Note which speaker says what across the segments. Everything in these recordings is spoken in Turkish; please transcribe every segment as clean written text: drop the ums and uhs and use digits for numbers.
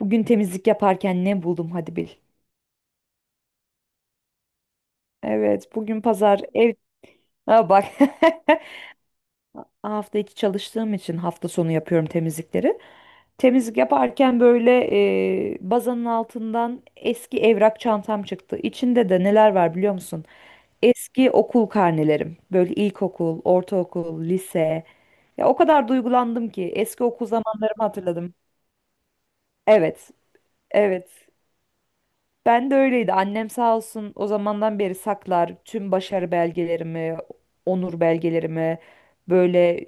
Speaker 1: Bugün temizlik yaparken ne buldum hadi bil. Evet, bugün pazar ev... Ha bak. Hafta içi çalıştığım için hafta sonu yapıyorum temizlikleri. Temizlik yaparken böyle bazanın altından eski evrak çantam çıktı. İçinde de neler var biliyor musun? Eski okul karnelerim. Böyle ilkokul, ortaokul, lise. Ya o kadar duygulandım ki eski okul zamanlarımı hatırladım. Evet, evet. Ben de öyleydi. Annem sağ olsun o zamandan beri saklar tüm başarı belgelerimi, onur belgelerimi, böyle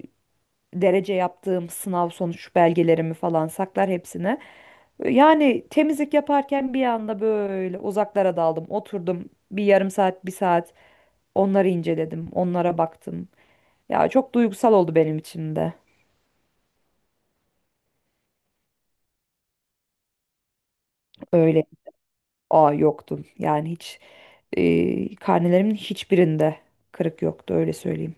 Speaker 1: derece yaptığım sınav sonuç belgelerimi falan saklar hepsini. Yani temizlik yaparken bir anda böyle uzaklara daldım. Oturdum bir yarım saat, bir saat onları inceledim, onlara baktım. Ya çok duygusal oldu benim için de. Öyle aa yoktum. Yani hiç karnelerimin hiçbirinde kırık yoktu öyle söyleyeyim.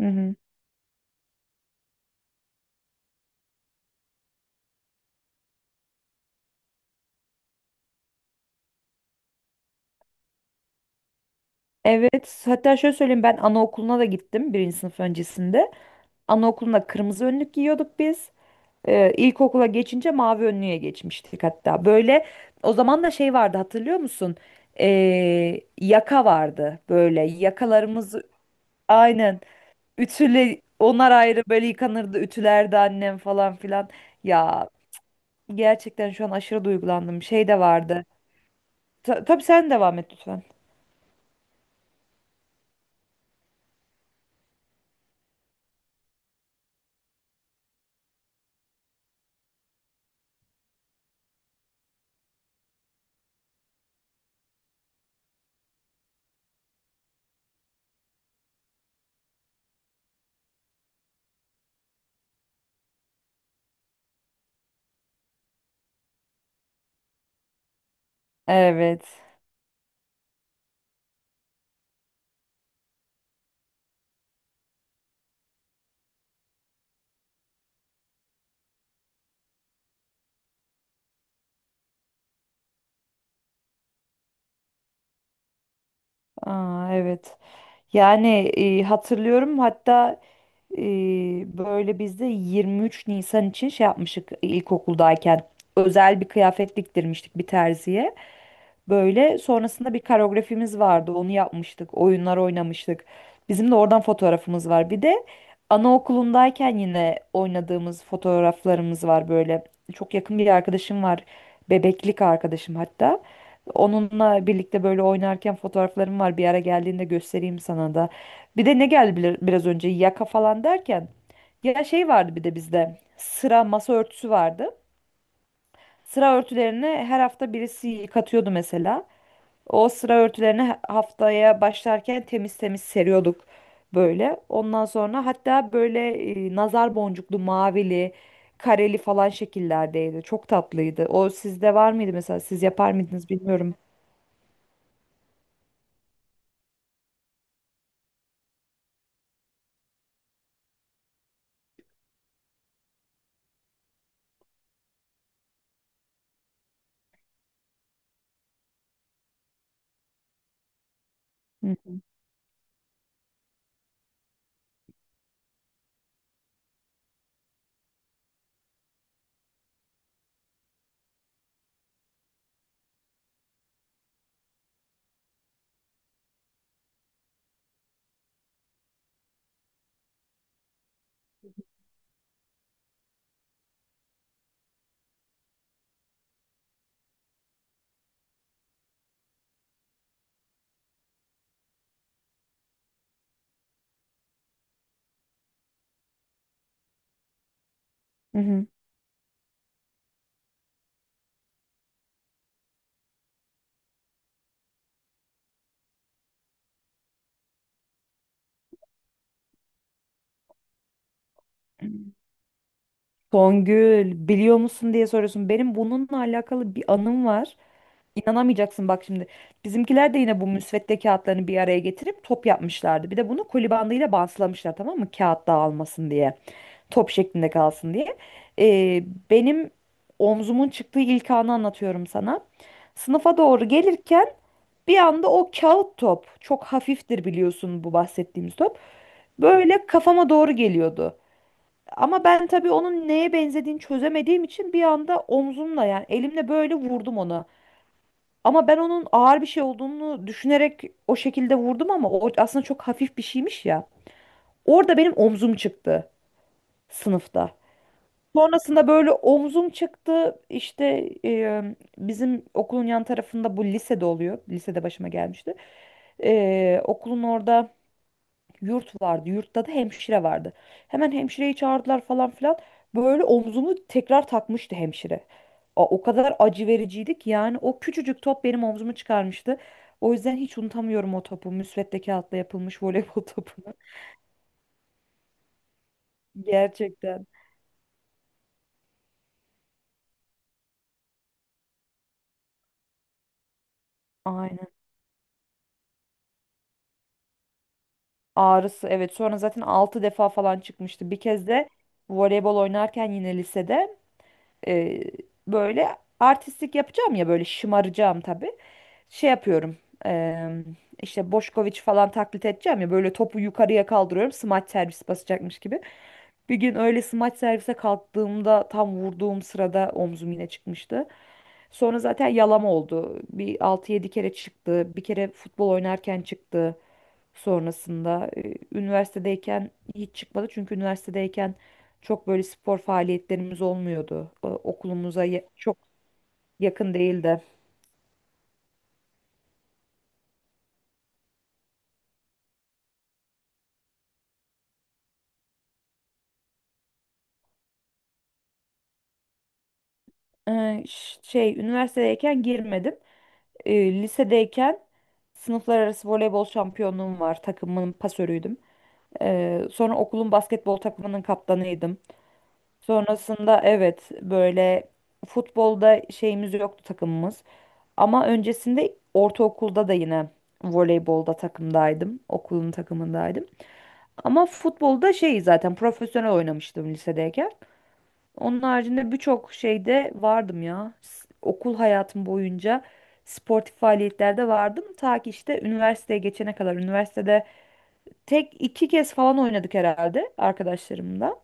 Speaker 1: Hı hı. Evet, hatta şöyle söyleyeyim ben anaokuluna da gittim birinci sınıf öncesinde. Anaokulunda kırmızı önlük giyiyorduk biz. İlkokula geçince mavi önlüğe geçmiştik hatta. Böyle o zaman da şey vardı hatırlıyor musun? Yaka vardı böyle yakalarımızı aynen ütüle onlar ayrı böyle yıkanırdı ütülerdi annem falan filan. Ya gerçekten şu an aşırı duygulandım şey de vardı. Tabii sen devam et lütfen. Evet. Aa, evet. Yani hatırlıyorum hatta e, böyle biz de 23 Nisan için şey yapmıştık ilkokuldayken. Özel bir kıyafet diktirmiştik bir terziye. Böyle sonrasında bir koreografimiz vardı. Onu yapmıştık. Oyunlar oynamıştık. Bizim de oradan fotoğrafımız var. Bir de anaokulundayken yine oynadığımız fotoğraflarımız var böyle. Çok yakın bir arkadaşım var. Bebeklik arkadaşım hatta. Onunla birlikte böyle oynarken fotoğraflarım var. Bir ara geldiğinde göstereyim sana da. Bir de ne geldi biraz önce yaka falan derken. Ya şey vardı bir de bizde. Sıra masa örtüsü vardı. Sıra örtülerini her hafta birisi yıkatıyordu mesela. O sıra örtülerini haftaya başlarken temiz temiz seriyorduk böyle. Ondan sonra hatta böyle nazar boncuklu, mavili, kareli falan şekillerdeydi. Çok tatlıydı. O sizde var mıydı mesela? Siz yapar mıydınız bilmiyorum. Hı hı. Hı hı. Songül biliyor musun diye soruyorsun. Benim bununla alakalı bir anım var. İnanamayacaksın bak şimdi. Bizimkiler de yine bu müsvedde kağıtlarını bir araya getirip top yapmışlardı. Bir de bunu koli bandıyla bantlamışlar tamam mı? Kağıt dağılmasın diye. Top şeklinde kalsın diye. Ee, Benim omzumun çıktığı ilk anı anlatıyorum sana. Sınıfa doğru gelirken bir anda o kağıt top çok hafiftir biliyorsun bu bahsettiğimiz top. Böyle kafama doğru geliyordu. Ama ben tabii onun neye benzediğini çözemediğim için bir anda omzumla yani elimle böyle vurdum ona. Ama ben onun ağır bir şey olduğunu düşünerek o şekilde vurdum ama o aslında çok hafif bir şeymiş ya. Orada benim omzum çıktı sınıfta. Sonrasında böyle omzum çıktı. İşte bizim okulun yan tarafında bu lisede oluyor. Lisede başıma gelmişti. E, okulun orada yurt vardı. Yurtta da hemşire vardı. Hemen hemşireyi çağırdılar falan filan. Böyle omzumu tekrar takmıştı hemşire. O kadar acı vericiydi ki yani o küçücük top benim omzumu çıkarmıştı. O yüzden hiç unutamıyorum o topu. Müsvedde kağıtla yapılmış voleybol topunu. Gerçekten. Aynen. Ağrısı evet. Sonra zaten 6 defa falan çıkmıştı. Bir kez de voleybol oynarken yine lisede e, böyle artistlik yapacağım ya böyle şımaracağım tabii. Şey yapıyorum. eee, işte Boşkoviç falan taklit edeceğim ya böyle topu yukarıya kaldırıyorum smaç servis basacakmış gibi. Bir gün öyle smaç servise kalktığımda tam vurduğum sırada omzum yine çıkmıştı. Sonra zaten yalama oldu. Bir altı yedi kere çıktı. Bir kere futbol oynarken çıktı sonrasında. Üniversitedeyken hiç çıkmadı çünkü üniversitedeyken çok böyle spor faaliyetlerimiz olmuyordu. Okulumuza çok yakın değildi. Şey üniversitedeyken girmedim. Lisedeyken sınıflar arası voleybol şampiyonluğum var. Takımın pasörüydüm. Sonra okulun basketbol takımının kaptanıydım. Sonrasında evet böyle futbolda şeyimiz yoktu takımımız. Ama öncesinde ortaokulda da yine voleybolda takımdaydım. Okulun takımındaydım. Ama futbolda şey zaten profesyonel oynamıştım lisedeyken. Onun haricinde birçok şeyde vardım ya. Okul hayatım boyunca sportif faaliyetlerde vardım. Ta ki işte üniversiteye geçene kadar. Üniversitede tek iki kez falan oynadık herhalde arkadaşlarımla.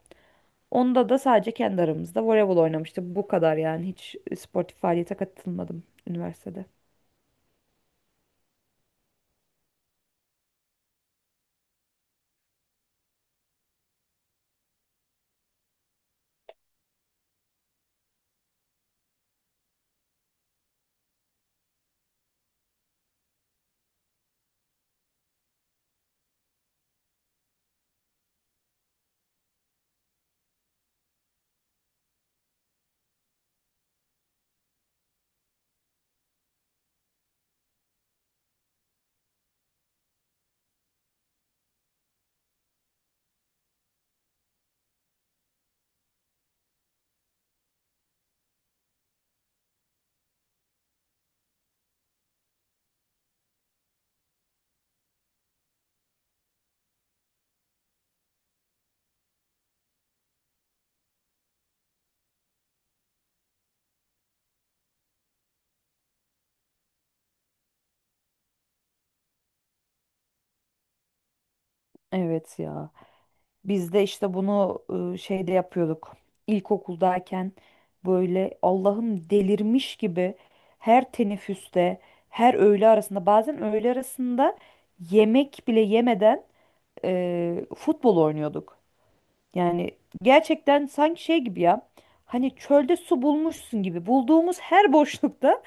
Speaker 1: Onda da sadece kendi aramızda voleybol oynamıştık. Bu kadar yani hiç sportif faaliyete katılmadım üniversitede. Evet ya. Biz de işte bunu şeyde yapıyorduk. İlkokuldayken böyle Allah'ım delirmiş gibi her teneffüste, her öğle arasında, bazen öğle arasında yemek bile yemeden futbol oynuyorduk. Yani gerçekten sanki şey gibi ya. Hani çölde su bulmuşsun gibi. Bulduğumuz her boşlukta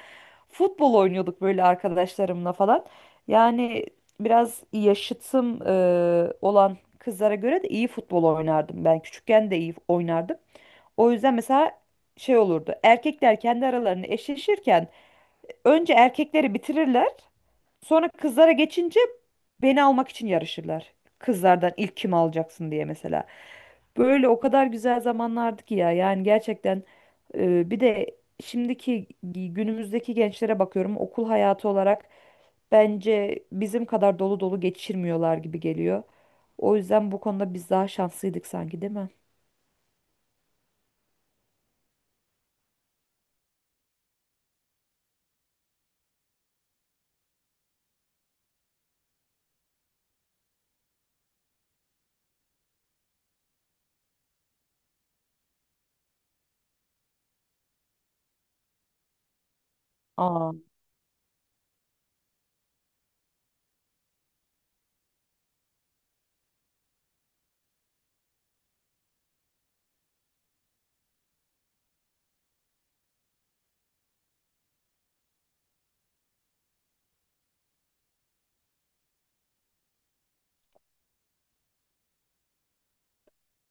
Speaker 1: futbol oynuyorduk böyle arkadaşlarımla falan. Yani biraz yaşıtım olan kızlara göre de iyi futbol oynardım. Ben küçükken de iyi oynardım. O yüzden mesela şey olurdu. Erkekler kendi aralarını eşleşirken önce erkekleri bitirirler. Sonra kızlara geçince beni almak için yarışırlar. Kızlardan ilk kim alacaksın diye mesela. Böyle o kadar güzel zamanlardı ki ya. Yani gerçekten bir de şimdiki günümüzdeki gençlere bakıyorum okul hayatı olarak bence bizim kadar dolu dolu geçirmiyorlar gibi geliyor. O yüzden bu konuda biz daha şanslıydık sanki değil mi? Aa,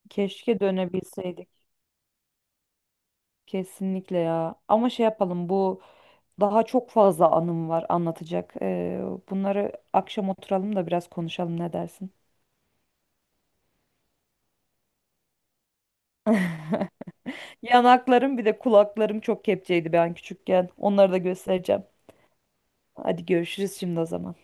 Speaker 1: keşke dönebilseydik. Kesinlikle ya. Ama şey yapalım bu daha çok fazla anım var anlatacak. Bunları akşam oturalım da biraz konuşalım ne dersin? Yanaklarım bir de kulaklarım çok kepçeydi ben küçükken. Onları da göstereceğim. Hadi görüşürüz şimdi o zaman.